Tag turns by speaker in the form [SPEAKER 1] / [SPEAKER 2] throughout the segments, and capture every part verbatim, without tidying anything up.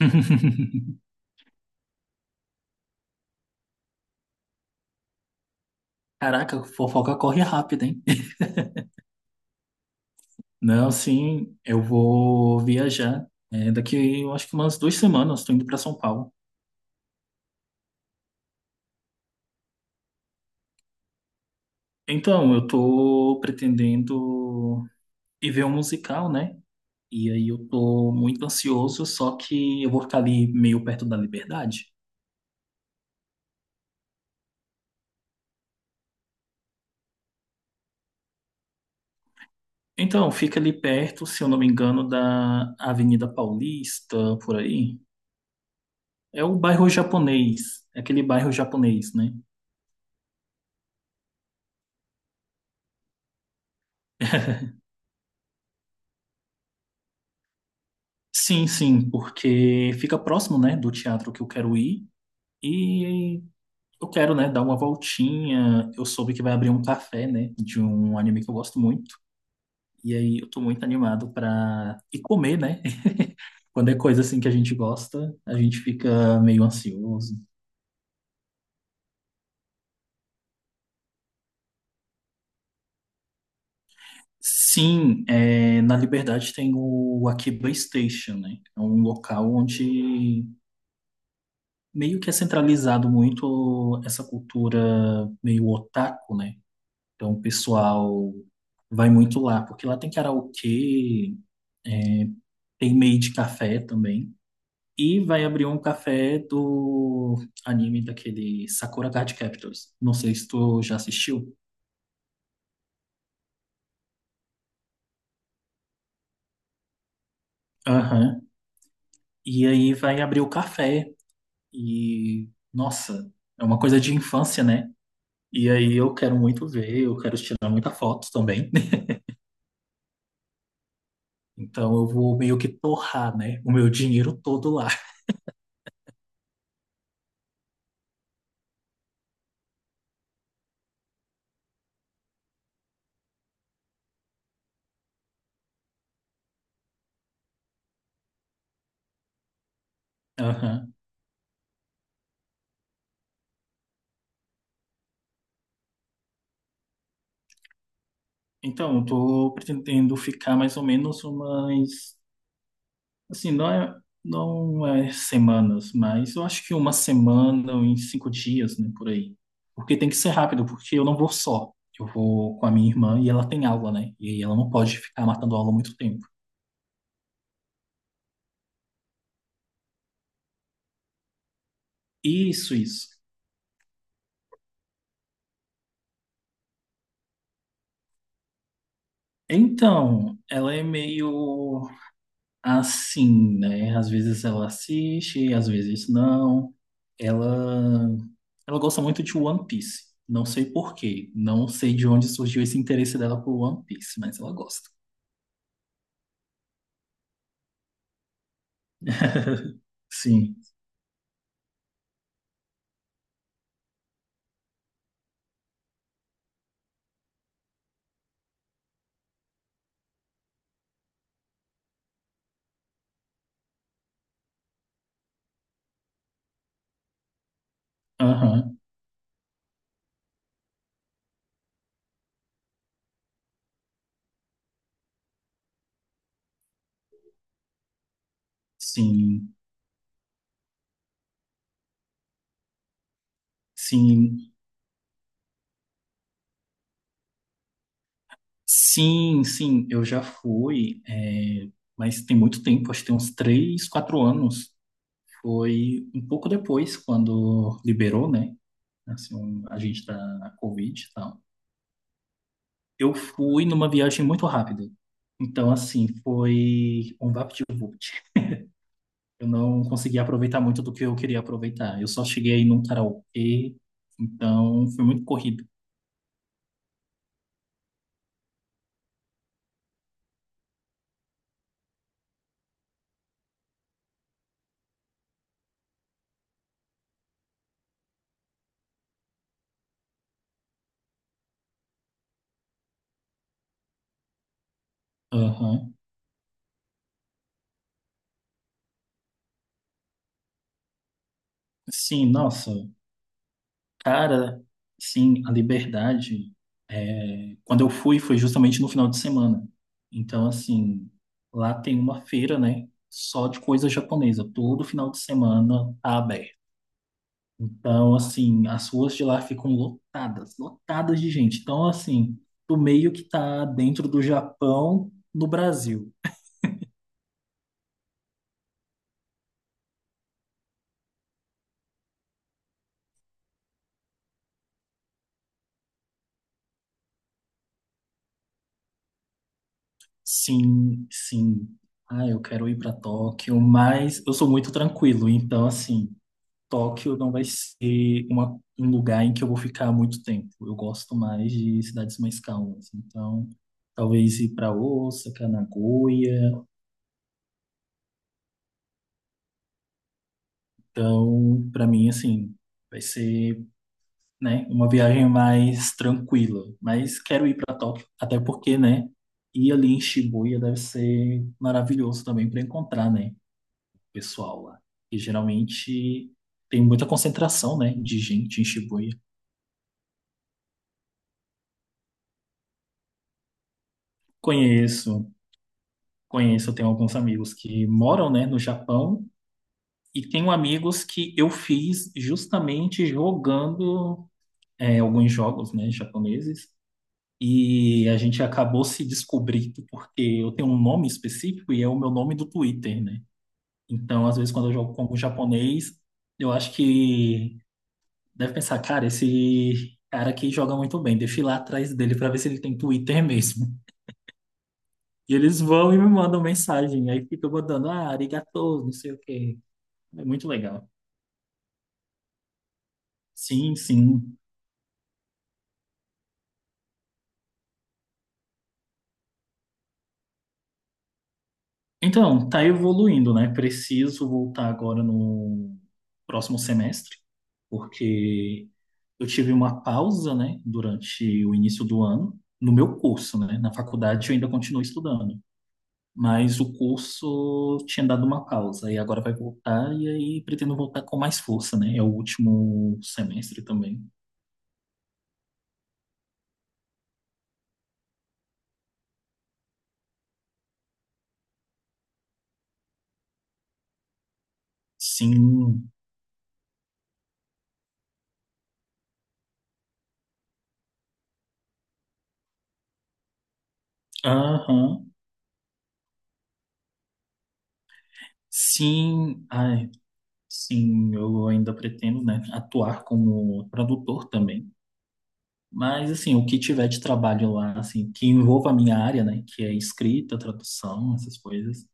[SPEAKER 1] Caraca, fofoca corre rápido, hein? Não, sim, eu vou viajar. É, daqui, eu acho que umas duas semanas, estou indo para São Paulo. Então, eu tô pretendendo ir ver um musical, né? E aí eu tô muito ansioso, só que eu vou ficar ali meio perto da Liberdade. Então, fica ali perto, se eu não me engano, da Avenida Paulista, por aí. É o bairro japonês, é aquele bairro japonês, né? Sim, sim, porque fica próximo, né, do teatro que eu quero ir e eu quero, né, dar uma voltinha. Eu soube que vai abrir um café, né, de um anime que eu gosto muito. E aí eu tô muito animado pra ir comer, né? Quando é coisa assim que a gente gosta, a gente fica meio ansioso. Sim, é, na Liberdade tem o Akiba Station, né? É um local onde meio que é centralizado muito essa cultura meio otaku, né? Então, o pessoal vai muito lá, porque lá tem karaokê, tem meio de café também. E vai abrir um café do anime daquele Sakura Card Captors. Não sei se tu já assistiu. Aham. E aí vai abrir o café. E, nossa, é uma coisa de infância, né? E aí eu quero muito ver, eu quero tirar muita foto também. Então eu vou meio que torrar, né? O meu dinheiro todo lá. Aham. Então, estou pretendendo ficar mais ou menos umas, assim, não é, não é semanas, mas eu acho que uma semana ou em cinco dias, né, por aí. Porque tem que ser rápido, porque eu não vou só. Eu vou com a minha irmã e ela tem aula, né? E ela não pode ficar matando aula muito tempo. Isso, isso. Então, ela é meio assim, né? Às vezes ela assiste, às vezes não. Ela, ela gosta muito de One Piece. Não sei por quê. Não sei de onde surgiu esse interesse dela por One Piece, mas ela gosta. Sim. Aham. Sim. Sim. Sim, sim. Eu já fui, é, mas tem muito tempo, acho que tem uns três, quatro anos. Foi um pouco depois, quando liberou, né? Assim, um- a gente tá na Covid e tal. Eu fui numa viagem muito rápida. Então, assim, foi um vapt-vupt. Eu não consegui aproveitar muito do que eu queria aproveitar. Eu só cheguei aí num karaokê, então foi muito corrido. Aham. Sim, nossa. Cara, sim, a Liberdade. é, Quando eu fui, foi justamente no final de semana. Então, assim, lá tem uma feira, né? Só de coisa japonesa. Todo final de semana tá aberto. Então, assim, as ruas de lá ficam lotadas, lotadas de gente. Então, assim, tu meio que tá dentro do Japão no Brasil. Sim, sim. Ah, eu quero ir para Tóquio, mas eu sou muito tranquilo. Então, assim, Tóquio não vai ser uma, um lugar em que eu vou ficar muito tempo. Eu gosto mais de cidades mais calmas. Então, talvez ir para Osaka, Nagoya. Então, para mim, assim, vai ser, né? Uma viagem mais tranquila. Mas quero ir para Tóquio, até porque, né? Ir ali em Shibuya deve ser maravilhoso também para encontrar, né, o pessoal lá. E geralmente tem muita concentração, né, de gente em Shibuya. Conheço, conheço. Tenho alguns amigos que moram, né, no Japão. E tenho amigos que eu fiz justamente jogando é, alguns jogos, né, japoneses. E a gente acabou se descobrindo porque eu tenho um nome específico e é o meu nome do Twitter, né? Então, às vezes, quando eu jogo com algum japonês, eu acho que deve pensar, cara, esse cara aqui joga muito bem, deixa eu ir lá atrás dele pra ver se ele tem Twitter mesmo. E eles vão e me mandam mensagem, aí fica mandando, ah, arigatou, não sei o quê. É muito legal. Sim, sim. Então, tá evoluindo, né? Preciso voltar agora no próximo semestre, porque eu tive uma pausa, né, durante o início do ano, no meu curso, né? Na faculdade eu ainda continuo estudando, mas o curso tinha dado uma pausa e agora vai voltar e aí pretendo voltar com mais força, né? É o último semestre também. Sim, aham. Sim, ai, sim, eu ainda pretendo, né, atuar como tradutor também. Mas, assim, o que tiver de trabalho lá, assim, que envolva a minha área, né, que é escrita, tradução, essas coisas,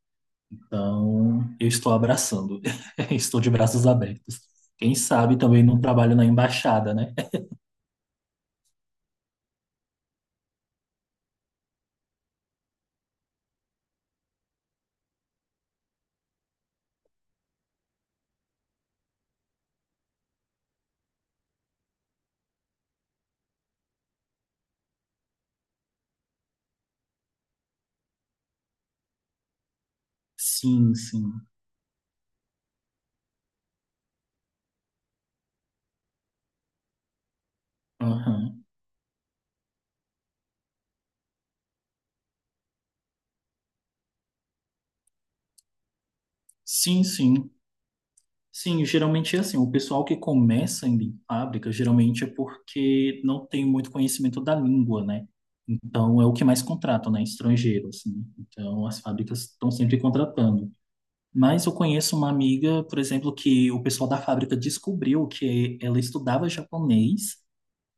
[SPEAKER 1] então eu estou abraçando, estou de braços abertos. Quem sabe também não trabalho na embaixada, né? Sim, sim. Aham. Sim, sim. Sim, geralmente é assim, o pessoal que começa ainda em fábrica, geralmente é porque não tem muito conhecimento da língua, né? Então, é o que mais contratam, né? Estrangeiros, assim. Então, as fábricas estão sempre contratando. Mas eu conheço uma amiga, por exemplo, que o pessoal da fábrica descobriu que ela estudava japonês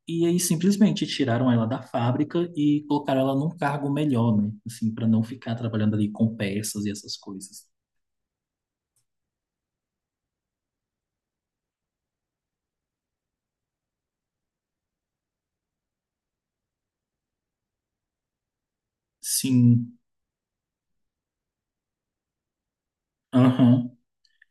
[SPEAKER 1] e aí simplesmente tiraram ela da fábrica e colocaram ela num cargo melhor, né? Assim, para não ficar trabalhando ali com peças e essas coisas. Sim, aham.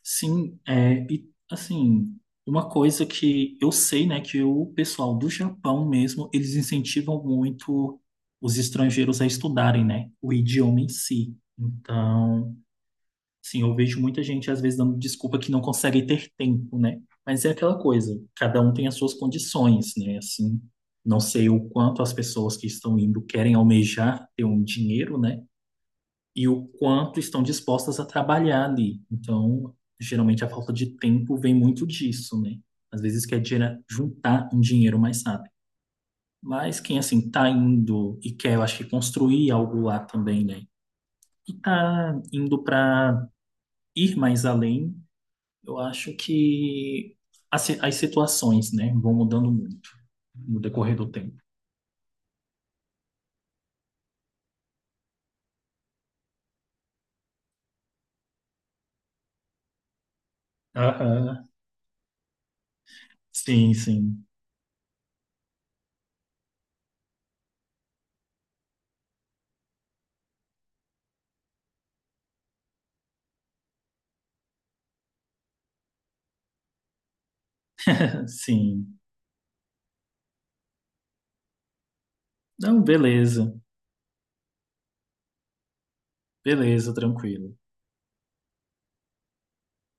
[SPEAKER 1] Sim, é, e assim, uma coisa que eu sei, né, que o pessoal do Japão mesmo, eles incentivam muito os estrangeiros a estudarem, né, o idioma em si. Então, sim, eu vejo muita gente às vezes dando desculpa que não consegue ter tempo, né? Mas é aquela coisa, cada um tem as suas condições, né? Assim, não sei o quanto as pessoas que estão indo querem almejar ter um dinheiro, né? E o quanto estão dispostas a trabalhar ali. Então, geralmente a falta de tempo vem muito disso, né? Às vezes quer gera- juntar um dinheiro mais rápido. Mas quem assim tá indo e quer, eu acho que construir algo lá também, né? E tá indo para ir mais além. Eu acho que as, si- as situações, né, vão mudando muito no decorrer do tempo. Aham. Sim, sim, sim. Não, beleza. Beleza, tranquilo.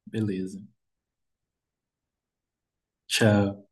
[SPEAKER 1] Beleza. Tchau.